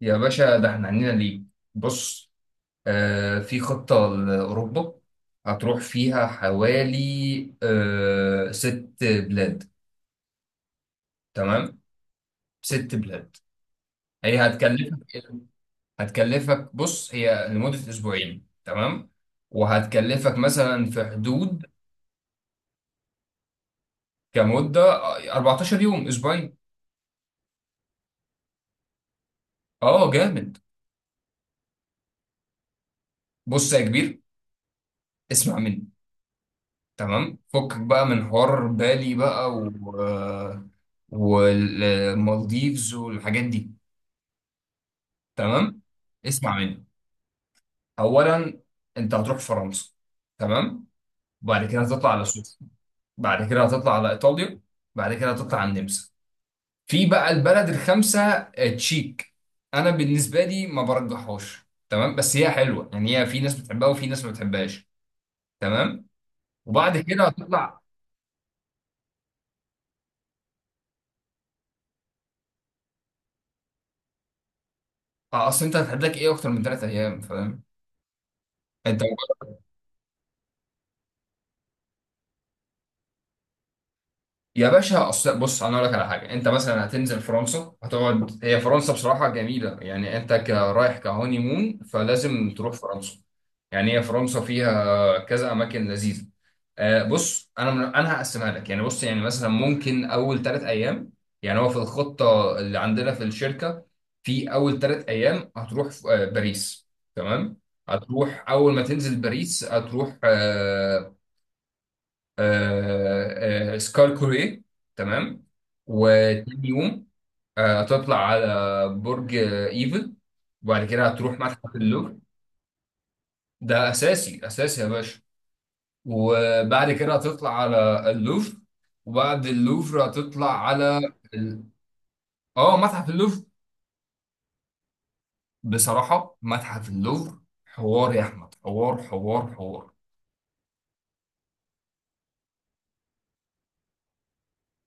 يا باشا، ده احنا عندنا ليه؟ بص، في خطة لأوروبا هتروح فيها حوالي 6 بلاد. تمام، 6 بلاد. هي هتكلفك إيه؟ هتكلفك، بص، هي لمدة أسبوعين، تمام، وهتكلفك مثلا في حدود، كمدة 14 يوم، أسبوعين. اه، جامد. بص يا كبير، اسمع مني، تمام، فكك بقى من حوار بالي بقى و والمالديفز والحاجات دي، تمام. اسمع مني، اولا انت هتروح فرنسا، تمام، وبعد كده هتطلع على سويسرا، بعد كده هتطلع على ايطاليا، بعد كده هتطلع على النمسا. في بقى البلد الخامسه تشيك. انا بالنسبه لي ما برجحهاش، تمام، بس هي حلوه يعني. هي في ناس بتحبها وفي ناس ما بتحبهاش، تمام. وبعد كده هتطلع. اصل انت هتحدد لك ايه اكتر من 3 ايام، فاهم انت؟ يا باشا، اصل بص، انا اقول لك على حاجه. انت مثلا هتنزل فرنسا، هتقعد. هي فرنسا بصراحه جميله يعني. انت كرايح كهوني مون، فلازم تروح فرنسا. يعني هي فرنسا فيها كذا اماكن لذيذه. بص، انا هقسمها لك يعني. بص يعني مثلا ممكن اول 3 ايام، يعني هو في الخطه اللي عندنا في الشركه، في اول 3 ايام هتروح باريس، تمام. هتروح اول ما تنزل باريس هتروح سكار كوري، تمام. وتاني يوم هتطلع على برج ايفل، وبعد كده هتروح متحف اللوفر. ده اساسي اساسي يا باشا. وبعد كده هتطلع على اللوفر، وبعد اللوفر هتطلع على اه، متحف اللوفر. بصراحة متحف اللوفر حوار يا احمد، حوار حوار حوار.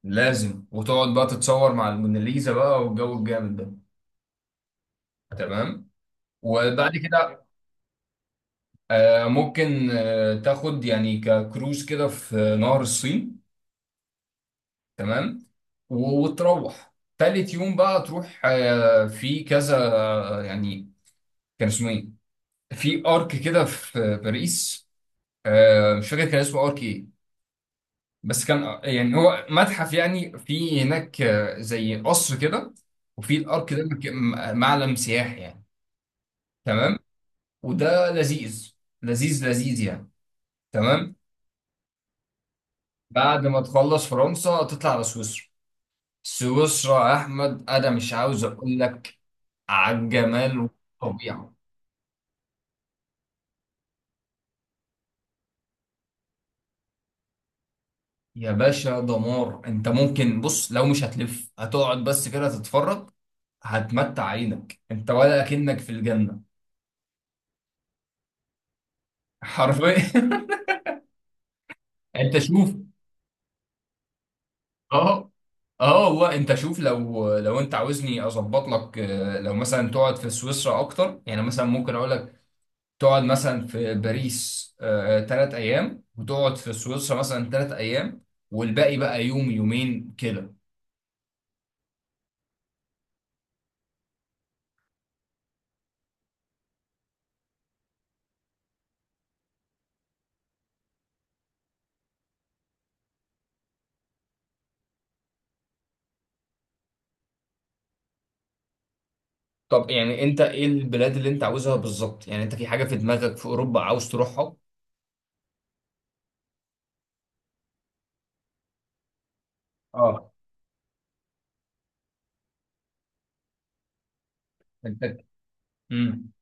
لازم، وتقعد بقى تتصور مع الموناليزا بقى والجو الجامد ده، تمام. وبعد كده ممكن تاخد يعني ككروز كده في نهر الصين، تمام. وتروح تالت يوم بقى، تروح آه، في كذا آه، يعني، كان اسمه ايه؟ في ارك كده في باريس. مش فاكر كان اسمه ارك ايه، بس كان يعني هو متحف يعني. في هناك زي قصر كده، وفي الارك ده معلم سياحي يعني، تمام. وده لذيذ، لذيذ لذيذ يعني، تمام. بعد ما تخلص فرنسا تطلع على سويسرا. سويسرا يا احمد، انا مش عاوز اقول لك على الجمال والطبيعه. يا باشا، دمار. انت ممكن بص، لو مش هتلف هتقعد بس كده تتفرج، هتمتع عينك، انت ولا اكنك في الجنه حرفيا. انت شوف. اه، اه والله، انت شوف، لو انت عاوزني اظبط لك، لو مثلا تقعد في سويسرا اكتر يعني، مثلا ممكن اقول لك تقعد مثلا في باريس 3 أيام، وتقعد في سويسرا مثلا 3 أيام، والباقي بقى يوم يومين كده. طب يعني أنت إيه البلاد اللي أنت عاوزها بالظبط؟ يعني أنت في حاجة في دماغك في أوروبا عاوز تروحها؟ اه، أنت امم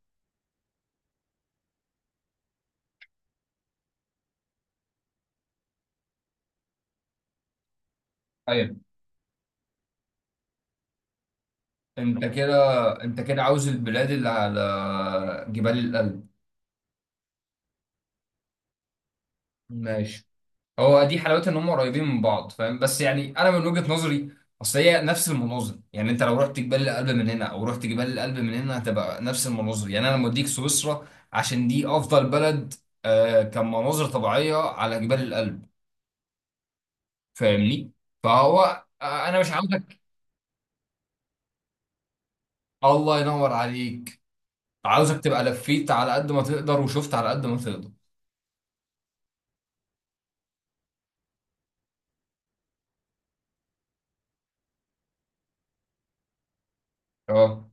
أيوه. أنت كده أنت كده عاوز البلاد اللي على جبال الألب. ماشي. هو دي حلاوتها، ان هم قريبين من بعض، فاهم؟ بس يعني انا من وجهة نظري، اصل هي نفس المناظر. يعني انت لو رحت جبال الألب من هنا او رحت جبال الألب من هنا هتبقى نفس المناظر. يعني انا موديك سويسرا عشان دي افضل بلد كمناظر طبيعية على جبال الألب. فاهمني؟ فهو انا مش عاوزك. الله ينور عليك. عاوزك تبقى لفيت على قد ما تقدر وشفت على قد ما تقدر. اه،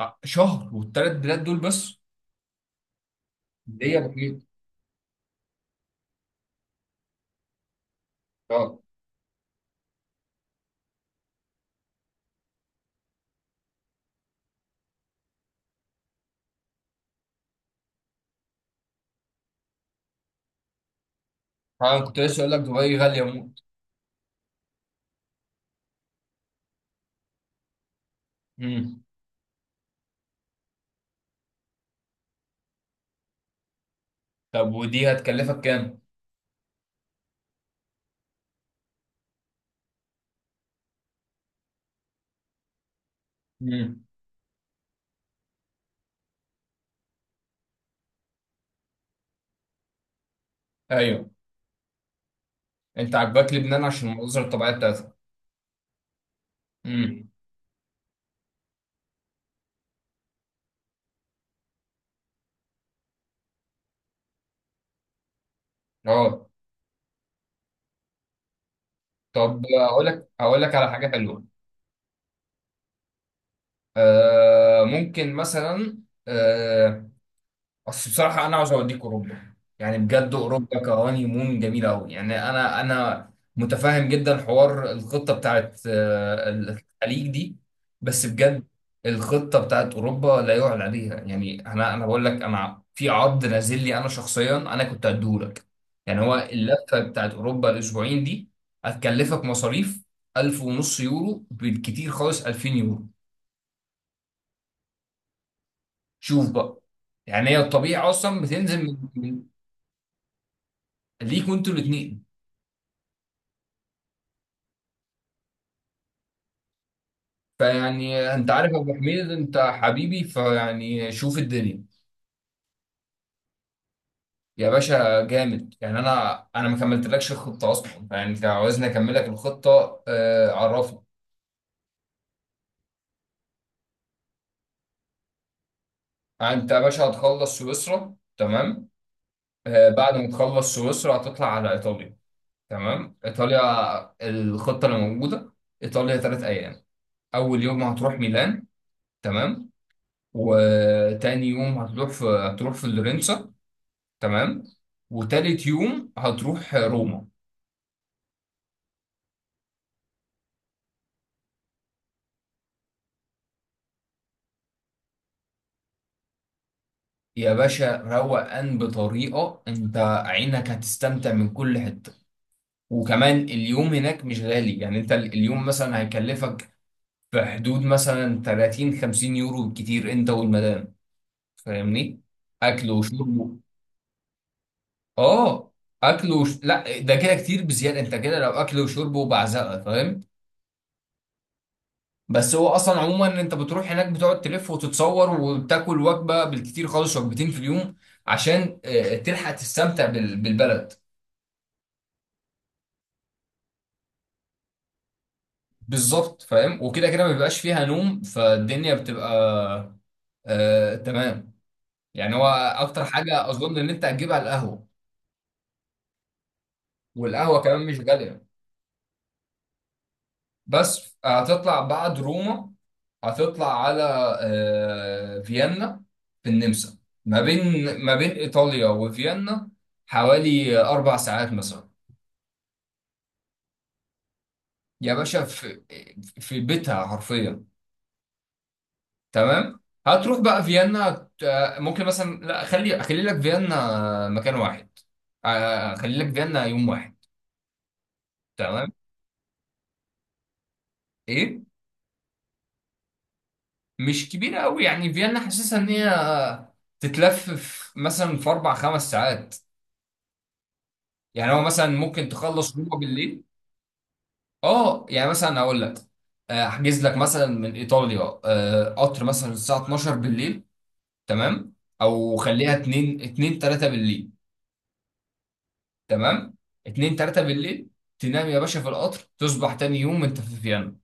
شهر والثلاث بلاد دول بس؟ دي بسيط. اه، انا كنت لسه اقول لك دبي غالية موت. مم. طب ودي هتكلفك كام؟ امم. ايوه، انت عاجباك لبنان عشان المناظر الطبيعيه بتاعتها. امم. اه، طب اقول لك، على حاجه حلوه. ممكن مثلا، آه بس بصراحة، أنا عاوز أوديك أوروبا. يعني بجد أوروبا كهاني مون جميلة أوي. يعني أنا متفاهم جدا حوار الخطة بتاعت الخليج دي، بس بجد الخطة بتاعت أوروبا لا يعلى عليها. يعني أنا بقول لك أنا في عرض نازل لي، أنا شخصيا أنا كنت هديهولك. يعني هو اللفة بتاعت أوروبا الأسبوعين دي هتكلفك مصاريف 1500 يورو بالكتير خالص، 2000 يورو. شوف بقى، يعني هي الطبيعة أصلا بتنزل ليكوا انتوا الاثنين. فيعني انت عارف يا ابو حميد، انت حبيبي، فيعني شوف الدنيا. يا باشا جامد، يعني انا ما كملتلكش الخطه اصلا. يعني انت عاوزني اكمل لك الخطه؟ آه، عرفني. يعني انت يا باشا هتخلص سويسرا، تمام. بعد ما تخلص سويسرا هتطلع على ايطاليا، تمام. ايطاليا الخطه اللي موجوده، ايطاليا 3 ايام. اول يوم هتروح ميلان، تمام، وتاني يوم هتروح في لورنسا، تمام، وتالت يوم هتروح روما. يا باشا، روقان بطريقة. انت عينك هتستمتع من كل حتة. وكمان اليوم هناك مش غالي يعني. انت اليوم مثلا هيكلفك في حدود مثلا 30 50 يورو بالكتير انت والمدام، فاهمني؟ اكل وشرب. اه، لا، ده كده كتير بزيادة. انت كده لو اكل وشرب وبعزقة، فاهم؟ بس هو اصلا عموما انت بتروح هناك بتقعد تلف وتتصور وبتاكل وجبة بالكتير خالص، وجبتين في اليوم، عشان تلحق تستمتع بالبلد. بالظبط، فاهم. وكده كده ما بيبقاش فيها نوم، فالدنيا بتبقى تمام. يعني هو اكتر حاجه اظن ان انت هتجيبها القهوه. والقهوه كمان مش غاليه. بس هتطلع بعد روما، هتطلع على فيينا في النمسا. ما بين ما بين ايطاليا وفيينا حوالي 4 ساعات مثلا. يا باشا، في بيتها حرفيا، تمام. هتروح بقى فيينا. ممكن مثلا، لا، اخلي لك فيينا مكان واحد. اخلي لك فيينا يوم واحد، تمام. ايه، مش كبيره قوي يعني. فيينا حاسسها ان هي تتلف في مثلا 4 5 ساعات. يعني هو مثلا ممكن تخلص روما بالليل. اه، يعني مثلا هقول لك، احجز لك مثلا من ايطاليا قطر مثلا الساعه 12 بالليل، تمام. او خليها 2 2 3 بالليل، تمام. 2 3 بالليل، تنام يا باشا في القطر، تصبح تاني يوم انت في فيينا.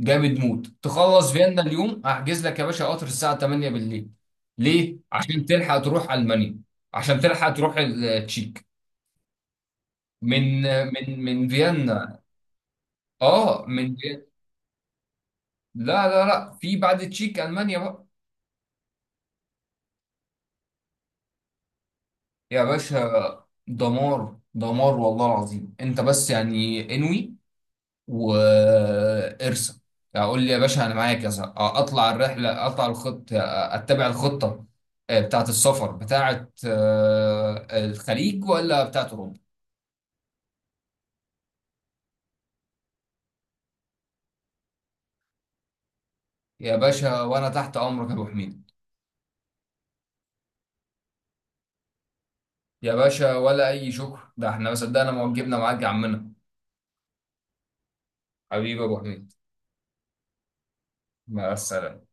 جامد موت، تخلص فيينا اليوم احجز لك يا باشا قطر الساعة 8 بالليل. ليه؟ عشان تلحق تروح ألمانيا. عشان تلحق تروح التشيك من فيينا. اه، من فيينا. لا لا لا، في بعد التشيك ألمانيا بقى. يا باشا، دمار دمار والله العظيم. انت بس يعني انوي وارسم. اقول لي يا باشا انا معايا كذا. اطلع الرحله، اطلع الخط، اتبع الخطه بتاعه السفر، بتاعه الخليج ولا بتاعه اوروبا؟ يا باشا وانا تحت امرك يا ابو حميد. يا باشا، ولا اي شكر، ده احنا ما صدقنا ما وجبنا معاك يا عمنا. حبيبي يا ابو حميد. مع السلامه.